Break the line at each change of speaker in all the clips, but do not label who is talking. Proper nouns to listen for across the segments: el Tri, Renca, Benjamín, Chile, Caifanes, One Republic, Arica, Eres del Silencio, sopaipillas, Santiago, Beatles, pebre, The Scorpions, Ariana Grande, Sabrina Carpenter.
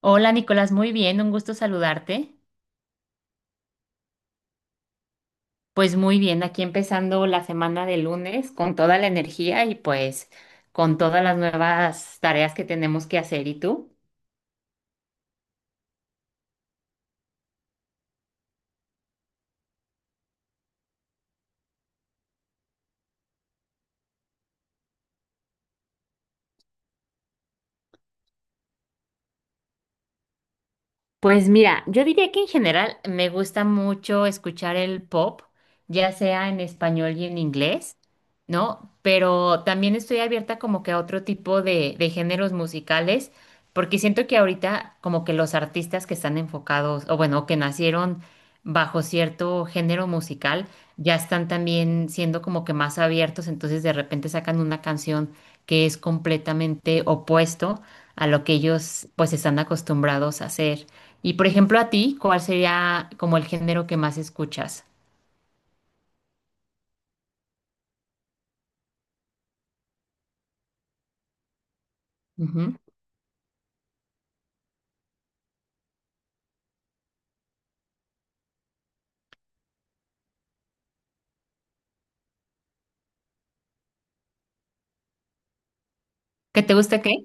Hola Nicolás, muy bien, un gusto saludarte. Pues muy bien, aquí empezando la semana de lunes con toda la energía y pues con todas las nuevas tareas que tenemos que hacer. ¿Y tú? Pues mira, yo diría que en general me gusta mucho escuchar el pop, ya sea en español y en inglés, ¿no? Pero también estoy abierta como que a otro tipo de géneros musicales, porque siento que ahorita como que los artistas que están enfocados, o bueno, que nacieron bajo cierto género musical, ya están también siendo como que más abiertos, entonces de repente sacan una canción que es completamente opuesto a lo que ellos pues están acostumbrados a hacer. Y por ejemplo, a ti, ¿cuál sería como el género que más escuchas? Ujú. ¿Que te gusta qué?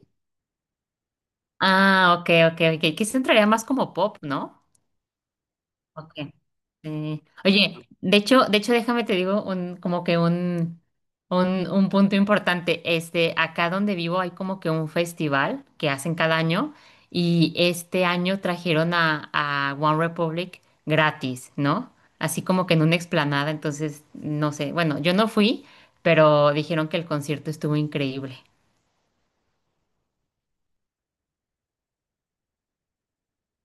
Ah, ok, ok, ok. Que se entraría más como pop, ¿no? Ok. Oye, de hecho, déjame te digo un, como que un punto importante. Acá donde vivo hay como que un festival que hacen cada año y este año trajeron a One Republic gratis, ¿no? Así como que en una explanada, entonces, no sé. Bueno, yo no fui, pero dijeron que el concierto estuvo increíble.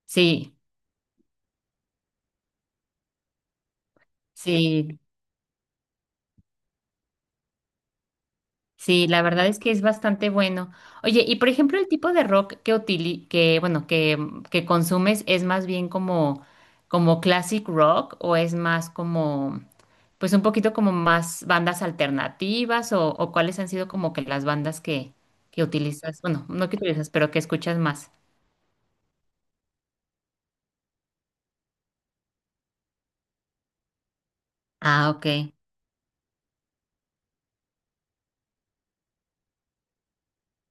Sí, sí. Sí, la verdad es que es bastante bueno. Oye, y por ejemplo, el tipo de rock que utili que bueno, que, mm, que consumes es más bien como classic rock o es más como pues un poquito como más bandas alternativas o cuáles han sido como que las bandas que utilizas, bueno, no que utilizas, pero que escuchas más. Ah, ok.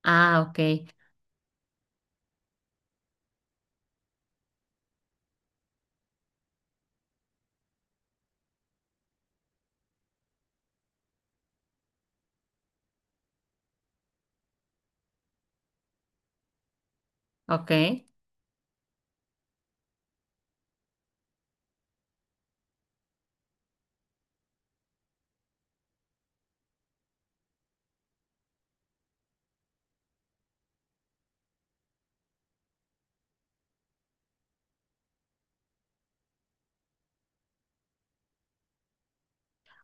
Ah, ok. Ok.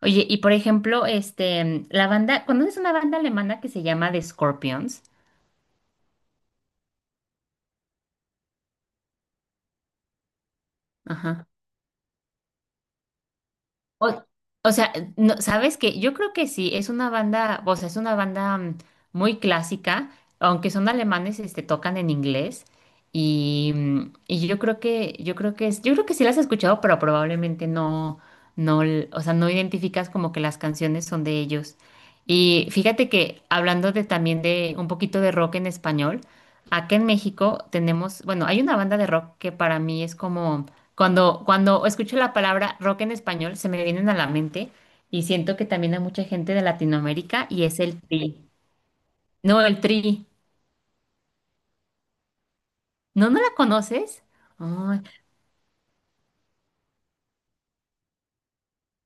Oye, y por ejemplo, la banda, ¿conoces una banda alemana que se llama The Scorpions? Ajá. O, o sea, no, ¿sabes qué? Yo creo que sí, es una banda, o sea, es una banda muy clásica, aunque son alemanes, tocan en inglés y yo creo que sí las has escuchado, pero probablemente no, no, o sea, no identificas como que las canciones son de ellos. Y fíjate que hablando de también de un poquito de rock en español, acá en México tenemos, bueno, hay una banda de rock que para mí es como cuando escucho la palabra rock en español, se me vienen a la mente y siento que también hay mucha gente de Latinoamérica y es el Tri. No, el Tri. ¿No, no la conoces? Ay,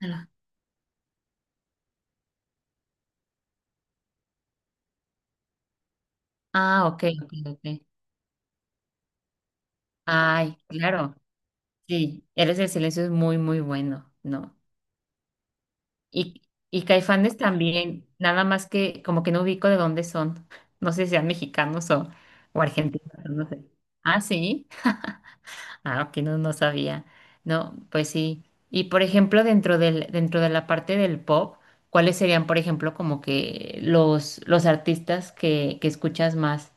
ala. Ah, ok, ok, ok. Ay, claro. Sí, Eres del Silencio es muy, muy bueno, ¿no? Y, y Caifanes también, nada más que como que no ubico de dónde son. No sé si sean mexicanos o argentinos, no sé. Ah, sí. Ah, ok, no, no sabía. No, pues sí. Y por ejemplo, dentro de la parte del pop, ¿cuáles serían, por ejemplo, como que los artistas que escuchas más?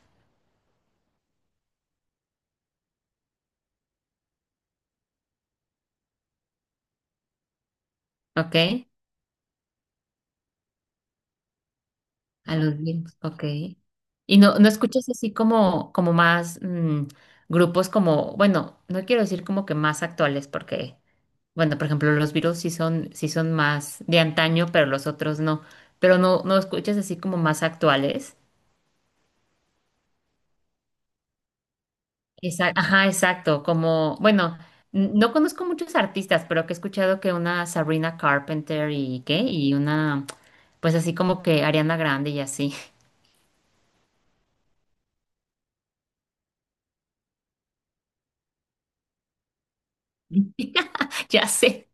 ¿Ok? A los Beatles, ok. Y no, no escuchas así como más grupos como, bueno, no quiero decir como que más actuales, porque, bueno, por ejemplo, los Beatles sí son más de antaño, pero los otros no. Pero no, no escuchas así como más actuales. Ajá, exacto. Como, bueno, no conozco muchos artistas, pero que he escuchado que una Sabrina Carpenter y qué, y una, pues así como que Ariana Grande y así. Ya sé.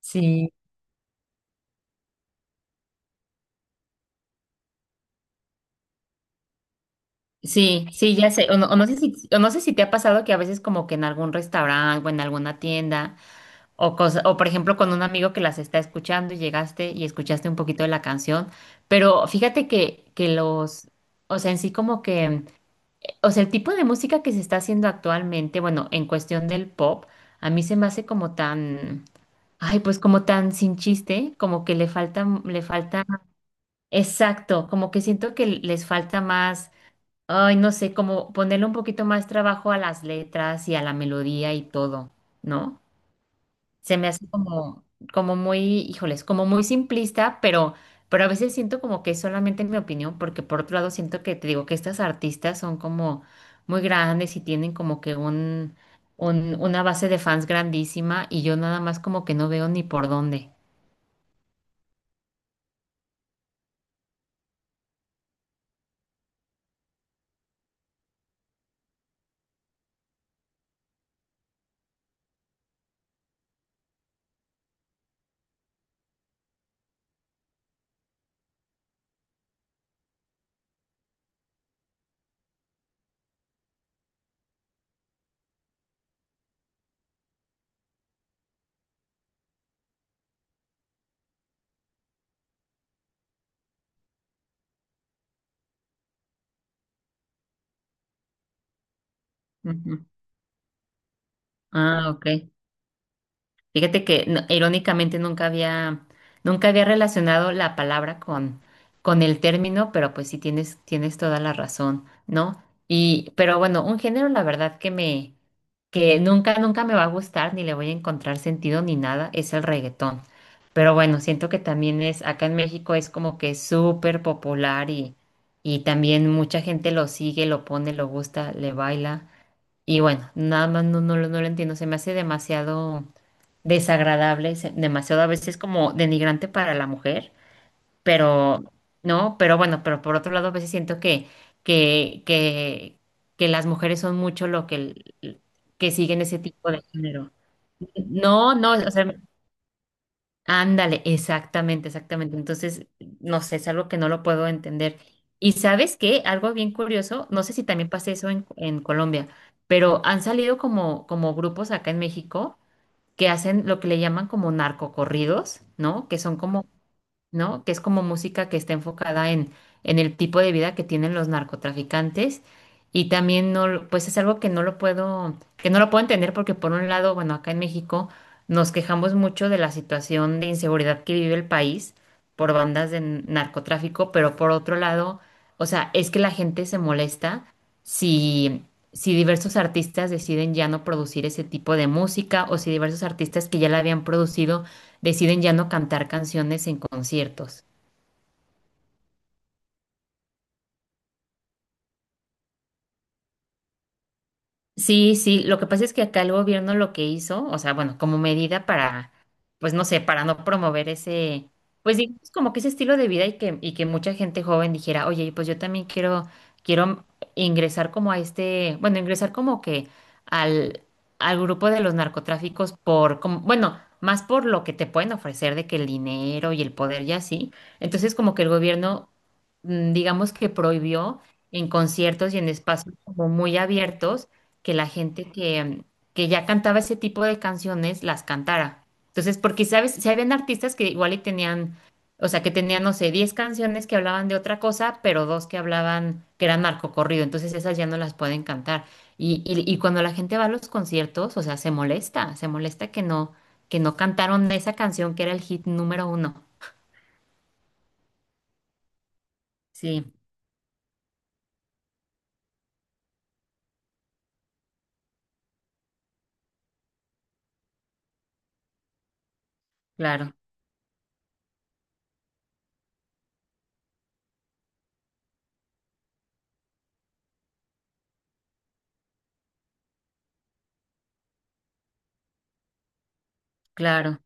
Sí. Sí, sí, ya sé. O no sé si te ha pasado que a veces como que en algún restaurante o en alguna tienda o cosa, o por ejemplo con un amigo que las está escuchando y llegaste y escuchaste un poquito de la canción, pero fíjate que los, o sea, en sí como que. O sea, el tipo de música que se está haciendo actualmente, bueno, en cuestión del pop, a mí se me hace como tan, ay, pues como tan sin chiste, como que le falta, exacto, como que siento que les falta más, ay, no sé, como ponerle un poquito más trabajo a las letras y a la melodía y todo, ¿no? Se me hace como muy, híjoles, como muy simplista, pero a veces siento como que es solamente mi opinión, porque por otro lado siento que te digo que estas artistas son como muy grandes y tienen como que una base de fans grandísima y yo nada más como que no veo ni por dónde. Ujú. Ah, ok. Fíjate que irónicamente nunca había relacionado la palabra con, el término, pero pues sí tienes toda la razón, ¿no? Y, pero bueno, un género, la verdad que nunca, nunca me va a gustar, ni le voy a encontrar sentido ni nada, es el reggaetón. Pero bueno, siento que también es, acá en México es como que súper popular y también mucha gente lo sigue, lo pone, lo gusta, le baila. Y bueno, nada más no, no, no lo entiendo, se me hace demasiado desagradable, demasiado a veces como denigrante para la mujer, pero no, pero bueno, pero por otro lado a veces siento que que que las mujeres son mucho lo que que siguen ese tipo de género. No, no, o sea, ándale, exactamente, exactamente. Entonces, no sé, es algo que no lo puedo entender. Y sabes qué, algo bien curioso, no sé si también pasa eso en, Colombia, pero han salido como grupos acá en México que hacen lo que le llaman como narcocorridos, ¿no? Que son como, ¿no? Que es como música que está enfocada en el tipo de vida que tienen los narcotraficantes. Y también no, pues es algo que no lo puedo, que no lo puedo entender porque por un lado, bueno, acá en México nos quejamos mucho de la situación de inseguridad que vive el país por bandas de narcotráfico, pero por otro lado, o sea, es que la gente se molesta si, si diversos artistas deciden ya no producir ese tipo de música o si diversos artistas que ya la habían producido deciden ya no cantar canciones en conciertos. Sí, sí, lo que pasa es que acá el gobierno lo que hizo, o sea, bueno, como medida para, pues no sé, para no promover ese, pues digamos como que ese estilo de vida y que mucha gente joven dijera, oye, pues yo también quiero ingresar como a este, bueno, ingresar como que al, al grupo de los narcotráficos por, como, bueno, más por lo que te pueden ofrecer de que el dinero y el poder y así. Entonces como que el gobierno, digamos que prohibió en conciertos y en espacios como muy abiertos que la gente que ya cantaba ese tipo de canciones las cantara. Entonces, porque, ¿sabes? Si habían artistas que igual y tenían, o sea, que tenían, no sé, 10 canciones que hablaban de otra cosa, pero dos que hablaban, que eran narcocorrido, entonces esas ya no las pueden cantar. Y cuando la gente va a los conciertos, o sea, se molesta que no, cantaron esa canción que era el hit número uno. Sí, claro, claro.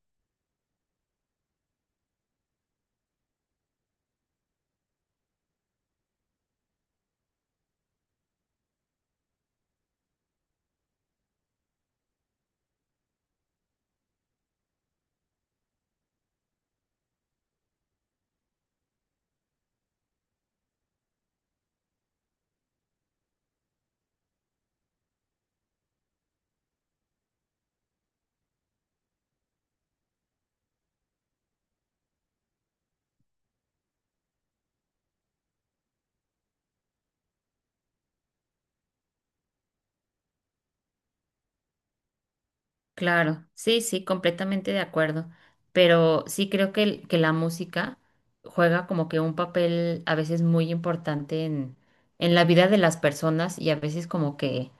Claro, sí, sí, completamente de acuerdo. Pero sí creo que la música juega como que un papel a veces muy importante en la vida de las personas y a veces como que,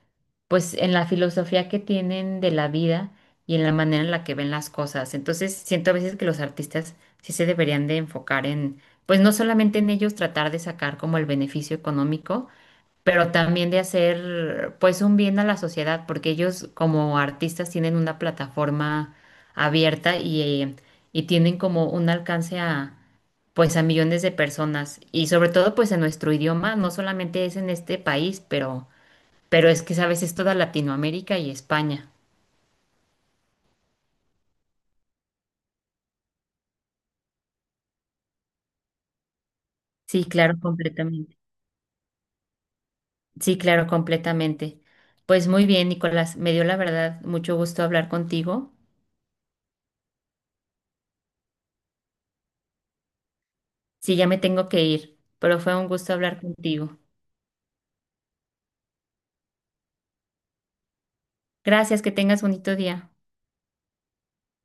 pues en la filosofía que tienen de la vida y en la manera en la que ven las cosas. Entonces siento a veces que los artistas sí se deberían de enfocar en, pues no solamente en ellos tratar de sacar como el beneficio económico, pero también de hacer pues un bien a la sociedad, porque ellos como artistas tienen una plataforma abierta y tienen como un alcance a pues a millones de personas y sobre todo pues en nuestro idioma, no solamente es en este país, pero es que sabes, es toda Latinoamérica y España. Sí, claro, completamente. Sí, claro, completamente. Pues muy bien, Nicolás, me dio la verdad mucho gusto hablar contigo. Sí, ya me tengo que ir, pero fue un gusto hablar contigo. Gracias, que tengas bonito día.